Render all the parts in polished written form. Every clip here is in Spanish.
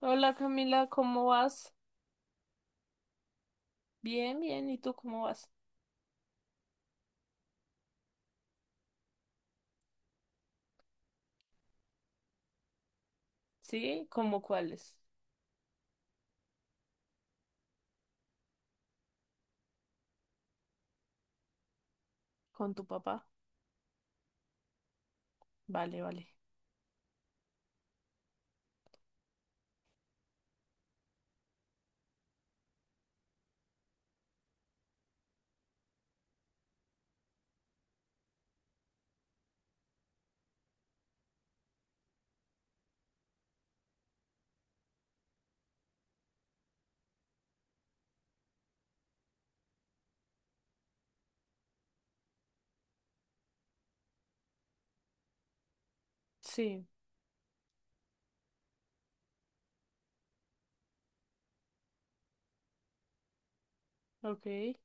Hola Camila, ¿cómo vas? Bien, bien. ¿Y tú cómo vas? Sí, ¿cómo cuáles? ¿Con tu papá? Vale, vale. Sí, ok,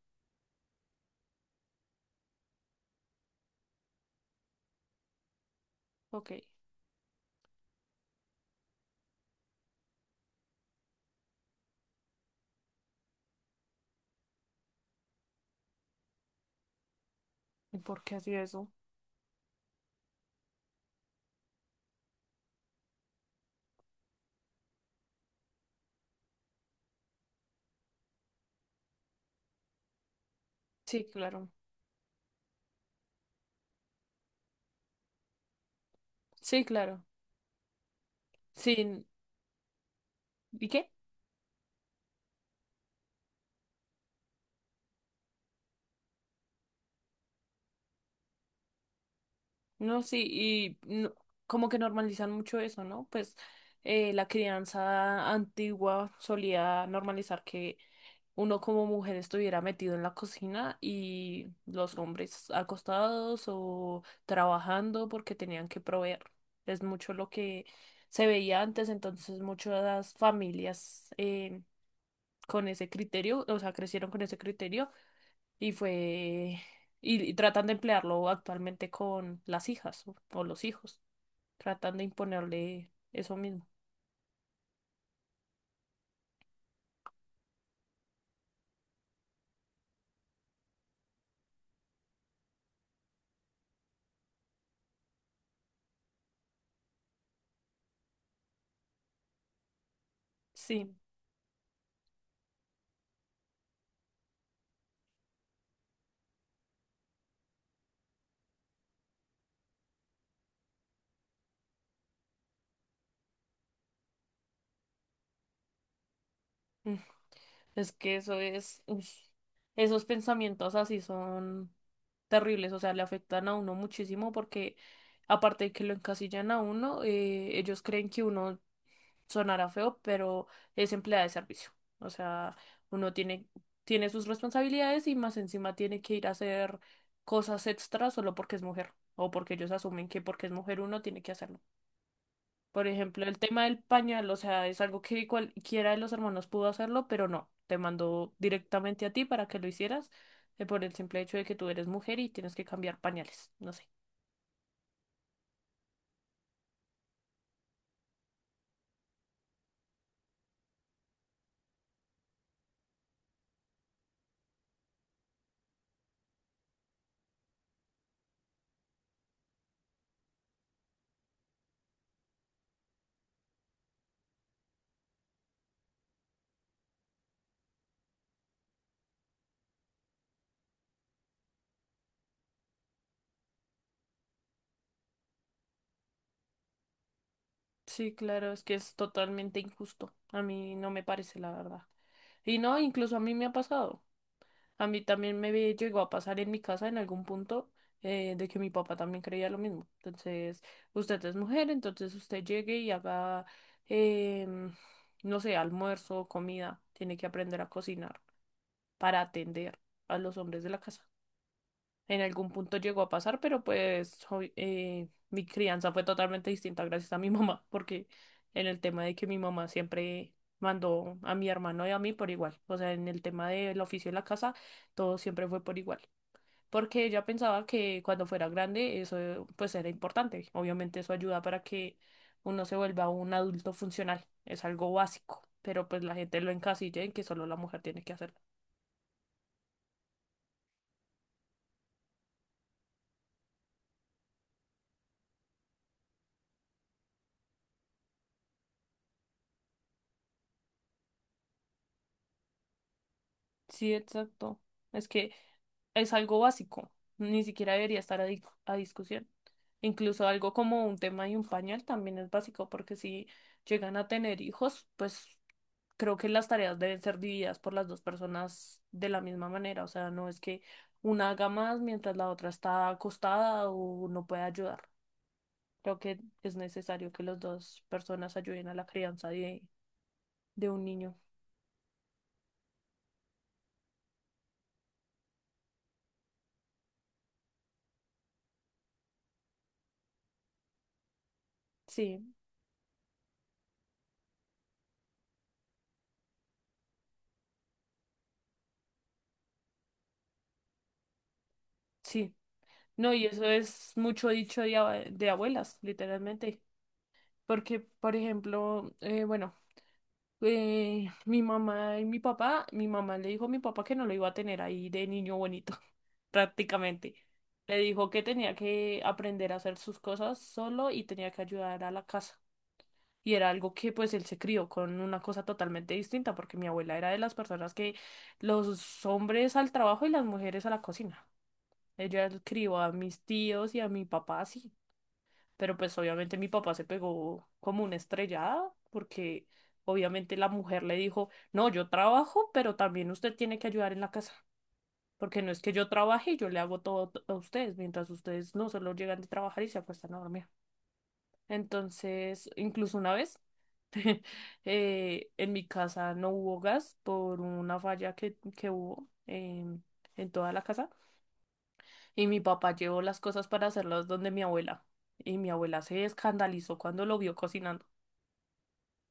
ok. ¿Y por qué hacía eso? Sí, claro. Sí, claro. Sí. ¿Y qué? No, sí, como que normalizan mucho eso, ¿no? Pues la crianza antigua solía normalizar que uno como mujer estuviera metido en la cocina y los hombres acostados o trabajando porque tenían que proveer. Es mucho lo que se veía antes, entonces muchas familias con ese criterio, o sea, crecieron con ese criterio y fue, y tratan de emplearlo actualmente con las hijas o los hijos, tratan de imponerle eso mismo. Sí. Mm. Es que eso es, uy, esos pensamientos así son terribles, o sea, le afectan a uno muchísimo porque aparte de que lo encasillan a uno, ellos creen que uno sonará feo, pero es empleada de servicio. O sea, uno tiene, tiene sus responsabilidades y más encima tiene que ir a hacer cosas extras solo porque es mujer o porque ellos asumen que porque es mujer uno tiene que hacerlo. Por ejemplo, el tema del pañal, o sea, es algo que cualquiera de los hermanos pudo hacerlo, pero no, te mandó directamente a ti para que lo hicieras, por el simple hecho de que tú eres mujer y tienes que cambiar pañales, no sé. Sí, claro, es que es totalmente injusto. A mí no me parece, la verdad. Y no, incluso a mí me ha pasado. A mí también llegó a pasar en mi casa en algún punto de que mi papá también creía lo mismo. Entonces, usted es mujer, entonces usted llegue y haga, em, no sé, almuerzo, comida. Tiene que aprender a cocinar para atender a los hombres de la casa. En algún punto llegó a pasar, pero pues hoy, mi crianza fue totalmente distinta gracias a mi mamá, porque en el tema de que mi mamá siempre mandó a mi hermano y a mí por igual, o sea, en el tema del oficio de la casa, todo siempre fue por igual, porque ella pensaba que cuando fuera grande eso pues era importante, obviamente eso ayuda para que uno se vuelva un adulto funcional, es algo básico, pero pues la gente lo encasilla en que solo la mujer tiene que hacer. Sí, exacto. Es que es algo básico. Ni siquiera debería a discusión. Incluso algo como un tema y un pañal también es básico, porque si llegan a tener hijos, pues creo que las tareas deben ser divididas por las dos personas de la misma manera. O sea, no es que una haga más mientras la otra está acostada o no puede ayudar. Creo que es necesario que las dos personas ayuden a la crianza de un niño. Sí, sí. No, y eso es mucho dicho de abuelas, literalmente. Porque, por ejemplo, bueno, mi mamá y mi papá, mi mamá le dijo a mi papá que no lo iba a tener ahí de niño bonito, prácticamente. Le dijo que tenía que aprender a hacer sus cosas solo y tenía que ayudar a la casa. Y era algo que pues él se crió con una cosa totalmente distinta, porque mi abuela era de las personas que los hombres al trabajo y las mujeres a la cocina. Ella crió a mis tíos y a mi papá así. Pero pues obviamente mi papá se pegó como una estrellada porque obviamente la mujer le dijo, no, yo trabajo, pero también usted tiene que ayudar en la casa, porque no es que yo trabaje y yo le hago todo a ustedes, mientras ustedes no solo llegan de trabajar y se acuestan a dormir. Entonces, incluso una vez, en mi casa no hubo gas por una falla que hubo en toda la casa y mi papá llevó las cosas para hacerlas donde mi abuela. Y mi abuela se escandalizó cuando lo vio cocinando.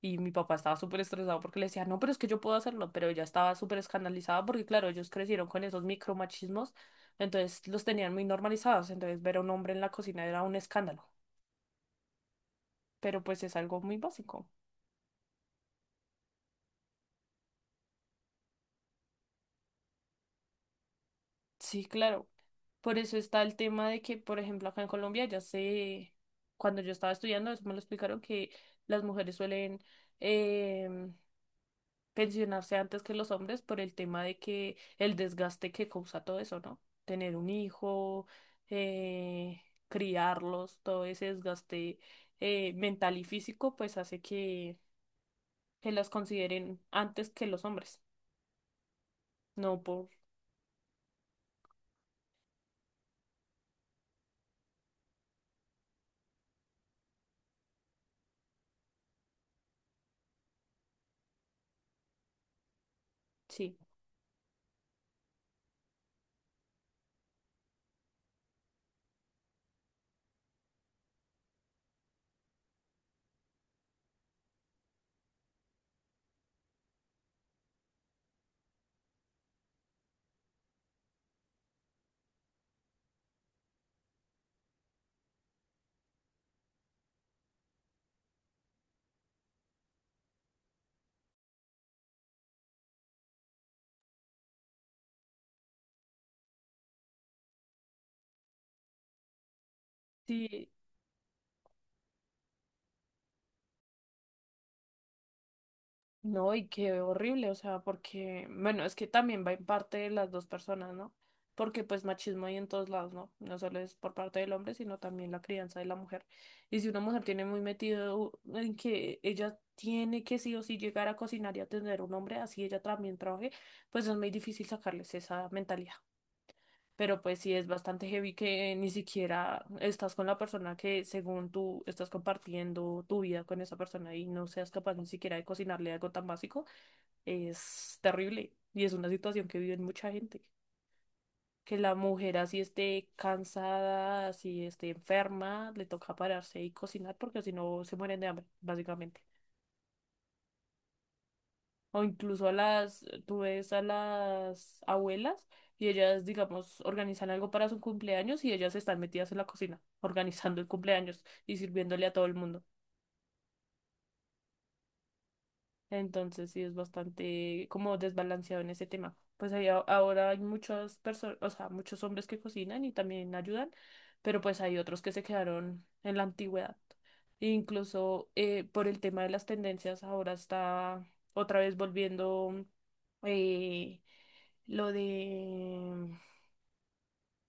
Y mi papá estaba súper estresado porque le decía, no, pero es que yo puedo hacerlo, pero ella estaba súper escandalizada porque, claro, ellos crecieron con esos micromachismos, entonces los tenían muy normalizados, entonces ver a un hombre en la cocina era un escándalo, pero pues es algo muy básico. Sí, claro. Por eso está el tema de que, por ejemplo, acá en Colombia ya sé, cuando yo estaba estudiando, eso me lo explicaron, que las mujeres suelen, em, pensionarse antes que los hombres por el tema de que el desgaste que causa todo eso, ¿no? Tener un hijo, eh, criarlos, todo ese desgaste mental y físico, pues hace que las consideren antes que los hombres, no por, sí. Sí, no, y qué horrible, o sea, porque, bueno, es que también va en parte de las dos personas, ¿no? Porque pues machismo hay en todos lados, ¿no? No solo es por parte del hombre, sino también la crianza de la mujer. Y si una mujer tiene muy metido en que ella tiene que sí o sí llegar a cocinar y atender a un hombre, así ella también trabaje, pues es muy difícil sacarles esa mentalidad. Pero pues sí es bastante heavy que ni siquiera estás con la persona que según tú estás compartiendo tu vida con esa persona y no seas capaz ni siquiera de cocinarle algo tan básico, es terrible y es una situación que vive mucha gente. Que la mujer así esté cansada, así esté enferma, le toca pararse y cocinar porque si no se mueren de hambre, básicamente. O incluso tú ves a las abuelas y ellas, digamos, organizan algo para su cumpleaños y ellas están metidas en la cocina, organizando el cumpleaños y sirviéndole a todo el mundo. Entonces sí es bastante como desbalanceado en ese tema. Pues ahora hay muchas personas, o sea, muchos hombres que cocinan y también ayudan, pero pues hay otros que se quedaron en la antigüedad. E incluso por el tema de las tendencias, ahora está otra vez volviendo eh, lo de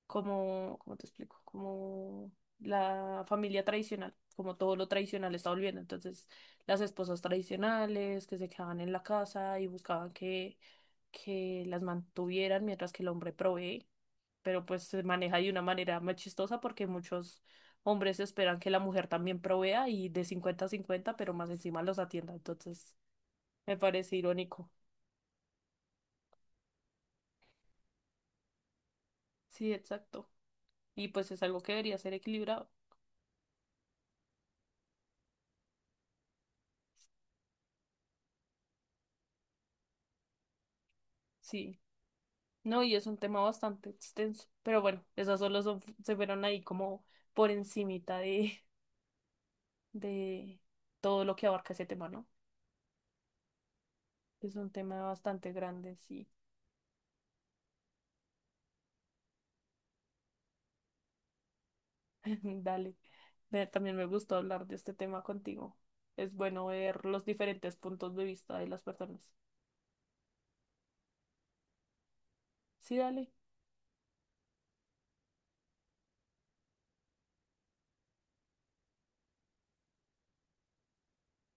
como, ¿cómo te explico? Como la familia tradicional, como todo lo tradicional está volviendo. Entonces, las esposas tradicionales que se quedaban en la casa y buscaban que las mantuvieran mientras que el hombre provee, pero pues se maneja de una manera más chistosa porque muchos hombres esperan que la mujer también provea y de 50 a 50, pero más encima los atienda. Entonces, me parece irónico. Sí, exacto. Y pues es algo que debería ser equilibrado. Sí. No, y es un tema bastante extenso. Pero bueno, esas solo son- se fueron ahí como por encimita de todo lo que abarca ese tema, ¿no? Es un tema bastante grande, sí. Dale. Ve, también me gustó hablar de este tema contigo. Es bueno ver los diferentes puntos de vista de las personas. Sí, dale.